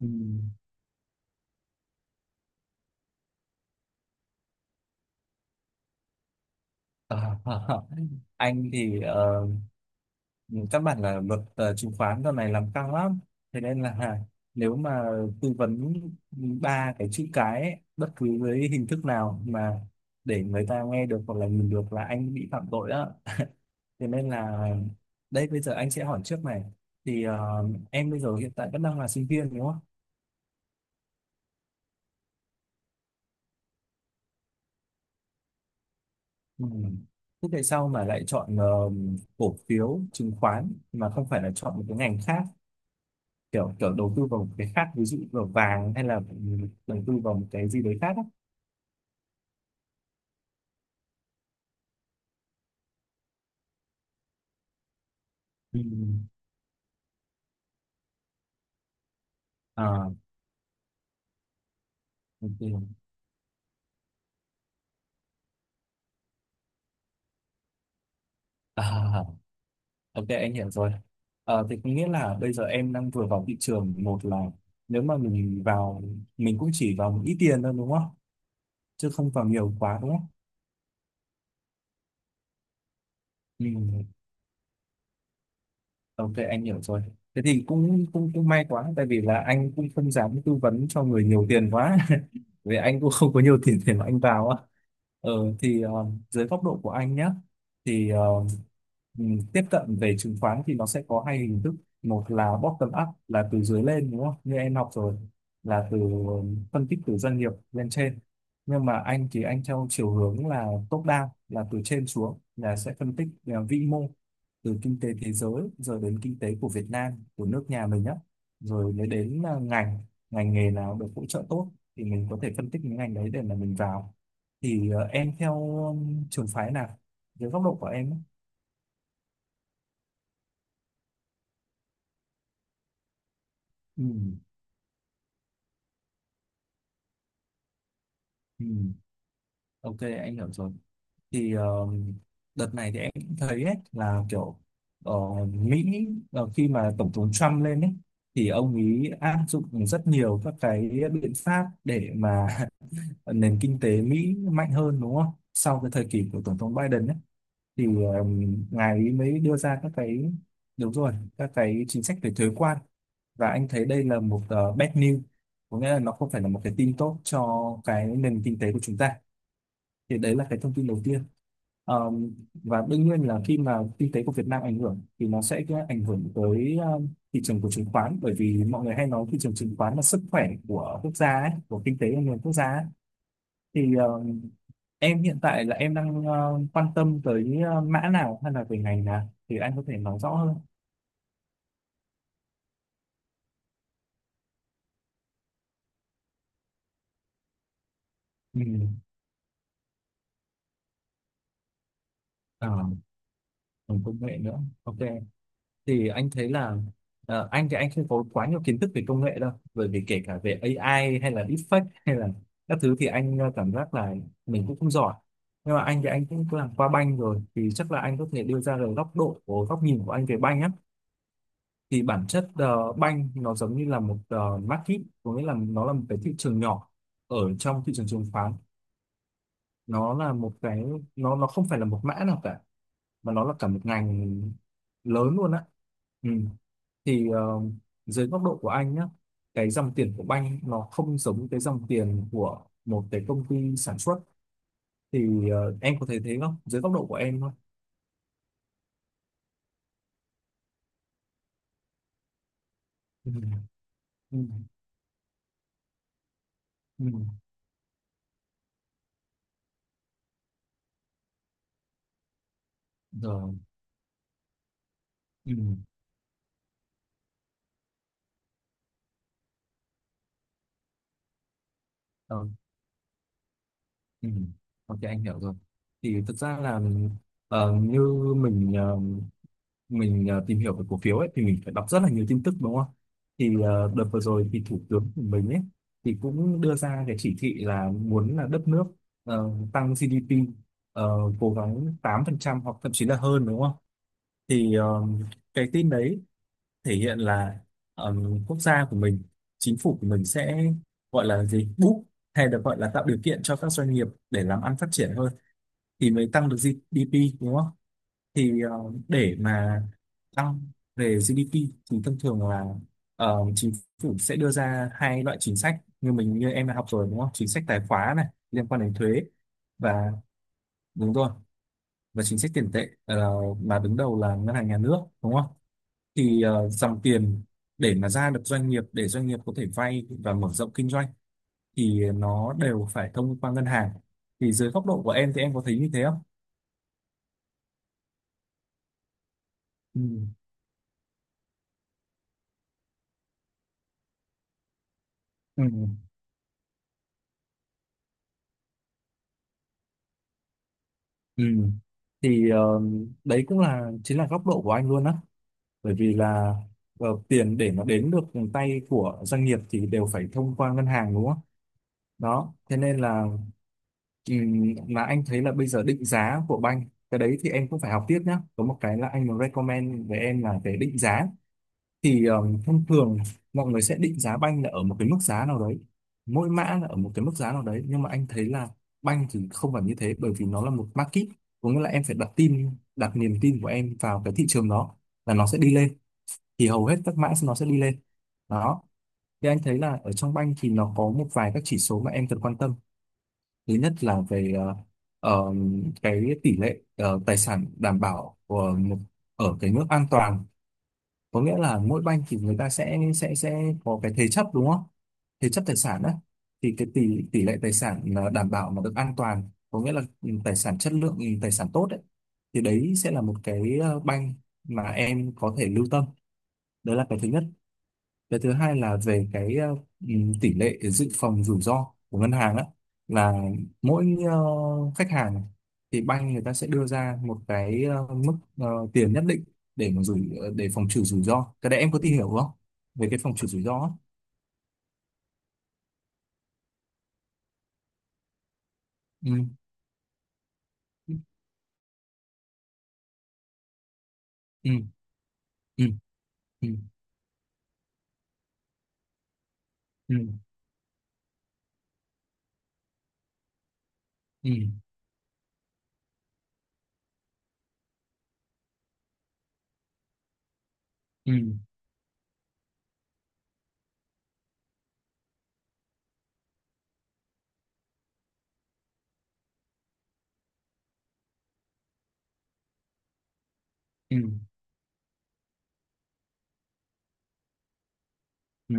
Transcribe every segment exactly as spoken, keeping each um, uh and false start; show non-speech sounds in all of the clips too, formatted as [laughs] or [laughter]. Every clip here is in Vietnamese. Ừ. Ờ, [laughs] anh thì ờ, các bạn là luật ờ, chứng khoán giờ này làm căng lắm, thế nên là nếu mà tư vấn ba cái chữ cái ấy, bất cứ với hình thức nào mà để người ta nghe được hoặc là nhìn được là anh bị phạm tội đó, thế nên là đây bây giờ anh sẽ hỏi trước này thì ờ, em bây giờ hiện tại vẫn đang là sinh viên đúng không? Ừ. Thế tại sao mà lại chọn ờ, cổ phiếu chứng khoán mà không phải là chọn một cái ngành khác, kiểu kiểu đầu tư vào một cái khác ví dụ vào vàng hay là đầu tư vào một cái gì đấy khác á? Ừ. À, ok. À, ok, anh hiểu rồi. À, thì có nghĩa là bây giờ em đang vừa vào thị trường, một là nếu mà mình vào mình cũng chỉ vào một ít tiền thôi đúng không, chứ không vào nhiều quá đúng không? Ừ. Ok, anh hiểu rồi. Thế thì cũng cũng cũng may quá, tại vì là anh cũng không dám tư vấn cho người nhiều tiền quá. [laughs] Vì anh cũng không có nhiều tiền để mà anh vào á. Ờ thì ờ, dưới góc độ của anh nhé, thì ờ, ừm, tiếp cận về chứng khoán thì nó sẽ có hai hình thức. Một là bottom up là từ dưới lên đúng không? Như em học rồi, là từ phân tích từ doanh nghiệp lên trên. Nhưng mà anh thì anh theo chiều hướng là top down là từ trên xuống, là sẽ phân tích ờ, vĩ mô từ kinh tế thế giới rồi đến kinh tế của Việt Nam, của nước nhà mình á, rồi mới đến à, ngành ngành nghề nào được hỗ trợ tốt thì mình có thể phân tích những ngành đấy để mà mình vào. Thì ờ, em theo um, trường phái nào dưới góc độ của em á? Ừ, ừ, ok anh hiểu rồi. Thì ờ, đợt này thì em cũng thấy ấy, là kiểu ờ, Mỹ, ờ, khi mà tổng thống Trump lên ấy thì ông ấy áp dụng rất nhiều các cái biện pháp để mà Ờ, nền kinh tế Mỹ mạnh hơn đúng không? Sau cái thời kỳ của Tổng thống Biden ấy, thì um, ngài ấy mới đưa ra các cái, đúng rồi, các cái chính sách về thuế quan, và anh thấy đây là một ờ, bad news, có nghĩa là nó không phải là một cái tin tốt cho cái nền kinh tế của chúng ta. Thì đấy là cái thông tin đầu tiên. Ờm, và đương nhiên là khi mà kinh tế của Việt Nam ảnh hưởng thì nó sẽ có ảnh hưởng tới um, thị trường của chứng khoán, bởi vì mọi người hay nói thị trường chứng khoán là sức khỏe của quốc gia ấy, của kinh tế của nền quốc gia ấy. Thì ờ, em hiện tại là em đang ờ, quan tâm tới ờ, mã nào hay là về ngành nào thì anh có thể nói rõ hơn. Ừ. À, còn công nghệ nữa. Ok. Thì anh thấy là ờ, anh thì anh không có quá nhiều kiến thức về công nghệ đâu. Bởi vì kể cả về a i hay là deepfake hay là các thứ thì anh ờ, cảm giác là mình cũng không giỏi. Nhưng mà anh thì anh cũng làm qua banh rồi thì chắc là anh có thể đưa ra được góc độ, của góc nhìn của anh về banh á. Thì bản chất ờ, banh nó giống như là một uh, market, có nghĩa là nó là một cái thị trường nhỏ ở trong thị trường chứng khoán. Nó là một cái, nó nó không phải là một mã nào cả, mà nó là cả một ngành lớn luôn á. Ừ. Thì ờ, dưới góc độ của anh nhá, cái dòng tiền của banh nó không giống cái dòng tiền của một cái công ty sản xuất. Thì ờ, em có thể thấy thế không dưới góc độ của em thôi? Ừ. Ừ. Ừ. Rồi. Ừ. Ờ. Ừ. Ok anh hiểu rồi. Thì thực ra là ờ, như mình ờ, mình ờ, tìm hiểu về cổ phiếu ấy thì mình phải đọc rất là nhiều tin tức đúng không? Thì ờ, đợt vừa rồi thì thủ tướng của mình ấy thì cũng đưa ra cái chỉ thị là muốn là đất nước ờ, tăng giê đê pê, ờ, cố gắng tám phần trăm hoặc thậm chí là hơn đúng không? Thì ờ, cái tin đấy thể hiện là ờ, quốc gia của mình, chính phủ của mình sẽ, gọi là gì? Boost, hay được gọi là tạo điều kiện cho các doanh nghiệp để làm ăn phát triển hơn thì mới tăng được giê đê pê đúng không? Thì ờ, để mà tăng về giê đê pê thì thông thường là ờ, chính phủ sẽ đưa ra hai loại chính sách, như mình như em đã học rồi đúng không? Chính sách tài khóa này liên quan đến thuế, và đúng rồi, và chính sách tiền tệ, ờ, mà đứng đầu là ngân hàng nhà nước đúng không? Thì ờ, dòng tiền để mà ra được doanh nghiệp, để doanh nghiệp có thể vay và mở rộng kinh doanh thì nó đều phải thông qua ngân hàng. Thì dưới góc độ của em thì em có thấy như thế không? Ừ. Ừ. Ừ. Thì ờ, đấy cũng là chính là góc độ của anh luôn á, bởi vì là ờ, tiền để mà đến được tay của doanh nghiệp thì đều phải thông qua ngân hàng đúng không? Đó, thế nên là ừm, mà anh thấy là bây giờ định giá của banh, cái đấy thì em cũng phải học tiếp nhá. Có một cái là anh muốn recommend với em là về định giá, thì um, thông thường mọi người sẽ định giá banh là ở một cái mức giá nào đấy, mỗi mã là ở một cái mức giá nào đấy, nhưng mà anh thấy là banh thì không phải như thế, bởi vì nó là một market, có nghĩa là em phải đặt tin, đặt niềm tin của em vào cái thị trường đó là nó sẽ đi lên thì hầu hết các mã nó sẽ đi lên. Đó, thì anh thấy là ở trong banh thì nó có một vài các chỉ số mà em cần quan tâm. Thứ nhất là về ờ, ờ, cái tỷ lệ ờ, tài sản đảm bảo của một, ở cái mức an toàn, có nghĩa là mỗi banh thì người ta sẽ sẽ sẽ có cái thế chấp đúng không, thế chấp tài sản đó. Thì cái tỷ tỷ lệ tài sản là đảm bảo mà được an toàn, có nghĩa là ừ, tài sản chất lượng, ừ, tài sản tốt đấy, thì đấy sẽ là một cái ờ, banh mà em có thể lưu tâm. Đấy là cái thứ nhất. Cái thứ hai là về cái ờ, ừm, tỷ lệ dự phòng rủi ro của ngân hàng á, là mỗi ờ, khách hàng thì bank người ta sẽ đưa ra một cái ờ, mức ờ, tiền nhất định để mà rủi ờ, để phòng trừ rủi ro. Cái đấy em có tìm hiểu không? Về cái phòng trừ rủi ro á. Ừ. Ừ. Ừ. Ừ. Ừ. Ừ. Ừ. Ừ. Ừ.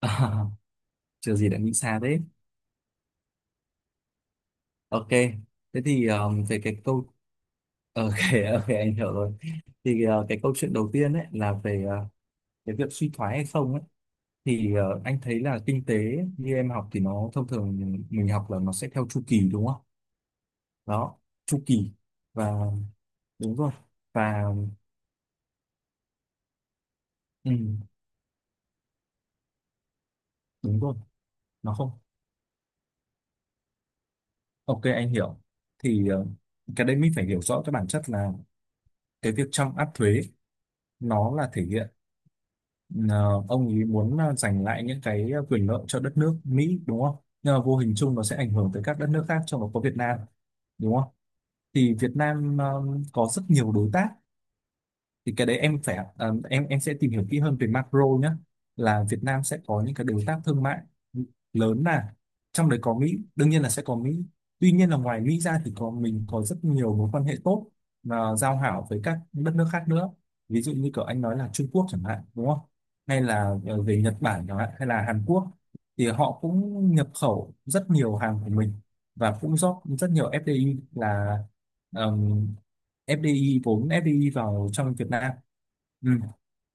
À, [laughs] chưa gì đã nghĩ xa thế. Ok. Thế thì ờ, về cái câu, ok, [laughs] ok anh hiểu rồi. Thì ờ, cái câu chuyện đầu tiên ấy là về cái việc suy thoái hay không ấy, thì ờ, anh thấy là kinh tế như em học thì nó thông thường mình học là nó sẽ theo chu kỳ đúng không? Đó, chu kỳ, và đúng rồi, và ừ, đúng rồi, nó không, ok anh hiểu. Thì ờ, cái đấy mình phải hiểu rõ cái bản chất là cái việc trong áp thuế nó là thể hiện ờ, ông ấy muốn ờ, giành lại những cái ờ, quyền lợi cho đất nước Mỹ đúng không? Nhưng mà vô hình chung nó sẽ ảnh hưởng tới các đất nước khác trong đó có Việt Nam đúng không? Thì Việt Nam ờ, có rất nhiều đối tác. Thì cái đấy em phải à, em em sẽ tìm hiểu kỹ hơn về macro nhé, là Việt Nam sẽ có những cái đối tác thương mại lớn, là trong đấy có Mỹ, đương nhiên là sẽ có Mỹ. Tuy nhiên là ngoài Mỹ ra thì có mình có rất nhiều mối quan hệ tốt và giao hảo với các đất nước khác nữa, ví dụ như kiểu anh nói là Trung Quốc chẳng hạn, đúng không, hay là ờ, về Nhật Bản chẳng hạn hay là Hàn Quốc. Thì họ cũng nhập khẩu rất nhiều hàng của mình và cũng rót rất nhiều ép đê i, là ép đê i vốn ép đê i vào trong Việt Nam. Ừ.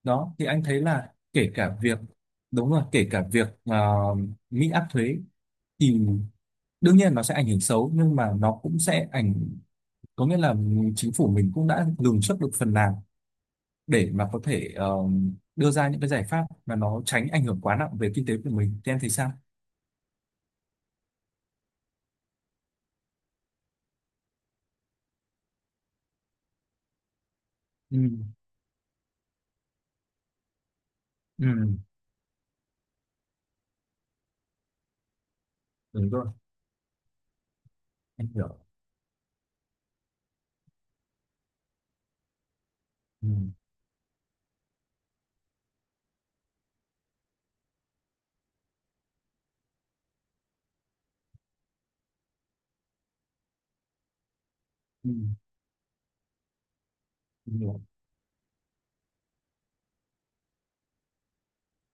Đó thì anh thấy là kể cả việc, đúng rồi, kể cả việc ờ, Mỹ áp thuế thì đương nhiên nó sẽ ảnh hưởng xấu, nhưng mà nó cũng sẽ ảnh có nghĩa là chính phủ mình cũng đã lường trước được phần nào để mà có thể ờ, đưa ra những cái giải pháp mà nó tránh ảnh hưởng quá nặng về kinh tế của mình. Thì em thấy sao? Ừ. Ừ, đúng rồi. Anh hiểu. Ừ. Ừ, Em hiểu.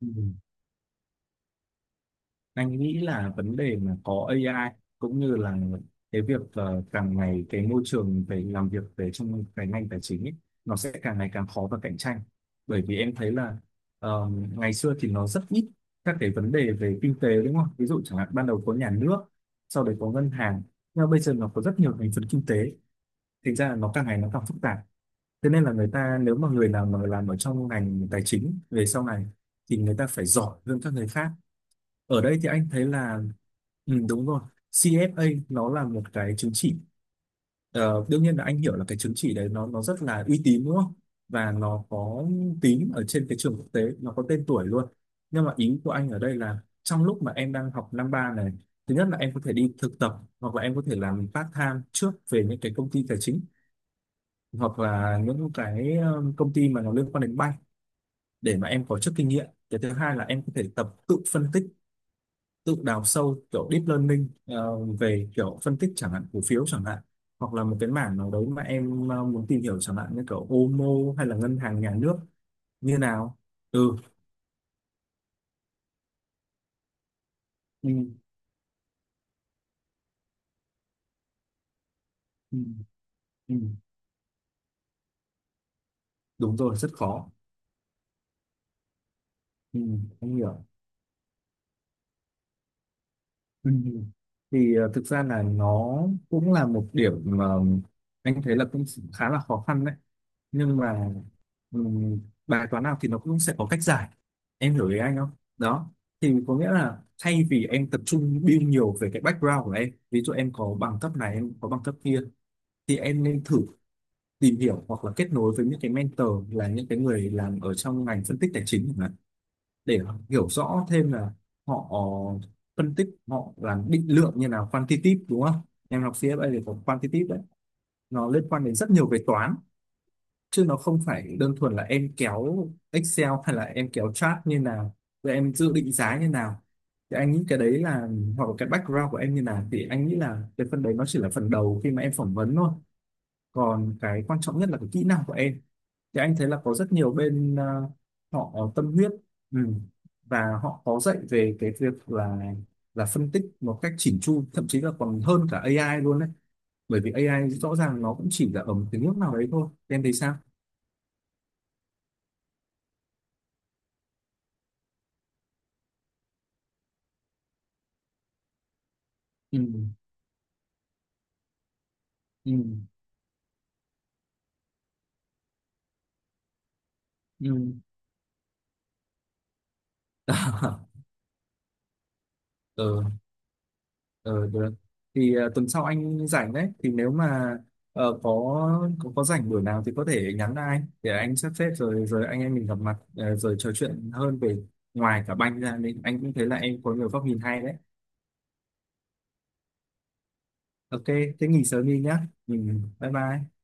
Ừ. Anh nghĩ là vấn đề mà có ai cũng như là cái việc ờ, càng ngày cái môi trường về làm việc về trong cái ngành tài chính ấy, nó sẽ càng ngày càng khó và cạnh tranh. Bởi vì em thấy là, ờ, ngày xưa thì nó rất ít các cái vấn đề về kinh tế, đúng không, ví dụ chẳng hạn ban đầu có nhà nước, sau đấy có ngân hàng, nhưng mà bây giờ nó có rất nhiều thành phần kinh tế, thành ra là nó càng ngày nó càng phức tạp. Thế nên là người ta, nếu mà người nào mà làm ở trong ngành tài chính về sau này, thì người ta phải giỏi hơn các người khác. Ở đây thì anh thấy là, ừ, đúng rồi, xi ép ây nó là một cái chứng chỉ. Ờ, đương nhiên là anh hiểu là cái chứng chỉ đấy nó nó rất là uy tín, đúng không? Và nó có tính ở trên cái trường quốc tế, nó có tên tuổi luôn. Nhưng mà ý của anh ở đây là trong lúc mà em đang học năm ba này, thứ nhất là em có thể đi thực tập hoặc là em có thể làm part time trước về những cái công ty tài chính hoặc là những cái ờ, công ty mà nó liên quan đến bank, để mà em có chút kinh nghiệm. Cái thứ hai là em có thể tập tự phân tích, tự đào sâu kiểu deep learning ờ, về kiểu phân tích chẳng hạn cổ phiếu chẳng hạn, hoặc là một cái mảng nào đấy mà em ờ, muốn tìm hiểu, chẳng hạn như kiểu âu em âu hay là ngân hàng nhà nước như nào. Ừ, ừ, ừ, ừ. Đúng rồi, rất khó. Ừ, em hiểu. Ừ. Ừ. Thì ờ, thực ra là nó cũng là một điểm mà anh thấy là cũng khá là khó khăn đấy, nhưng mà, ừm, bài toán nào thì nó cũng sẽ có cách giải, em hiểu ý anh không? Đó thì có nghĩa là thay vì em tập trung build nhiều về cái background của em, ví dụ em có bằng cấp này em có bằng cấp kia, thì em nên thử tìm hiểu hoặc là kết nối với những cái mentor là những cái người làm ở trong ngành phân tích tài chính chẳng hạn, để hiểu rõ thêm là họ phân tích, họ làm định lượng như nào, quantitative đúng không, em học xê ép a thì có quantitative đấy, nó liên quan đến rất nhiều về toán, chứ nó không phải đơn thuần là em kéo Excel hay là em kéo chart như nào rồi em dự định giá như nào. Thì anh nghĩ cái đấy là, hoặc là cái background của em như nào, thì anh nghĩ là cái phần đấy nó chỉ là phần đầu khi mà em phỏng vấn thôi, còn cái quan trọng nhất là cái kỹ năng của em. Thì anh thấy là có rất nhiều bên ờ, họ tâm huyết. Ừ. Và họ có dạy về cái việc là là phân tích một cách chỉn chu, thậm chí là còn hơn cả ai luôn đấy, bởi vì ai rõ ràng nó cũng chỉ là ở một cái nước nào đấy thôi. Em thấy sao? Ừ. Ừ. Ừ. [laughs] Ừ, ừ, được. Thì ờ, tuần sau anh rảnh đấy, thì nếu mà ờ, có, có có rảnh buổi nào thì có thể nhắn lại anh để anh sắp xếp, rồi rồi anh em mình gặp mặt ờ, rồi trò chuyện hơn về ngoài cả banh ra, nên anh cũng thấy là em có nhiều góc nhìn hay đấy. Ok, thế nghỉ sớm đi nhá, ừ, bye bye.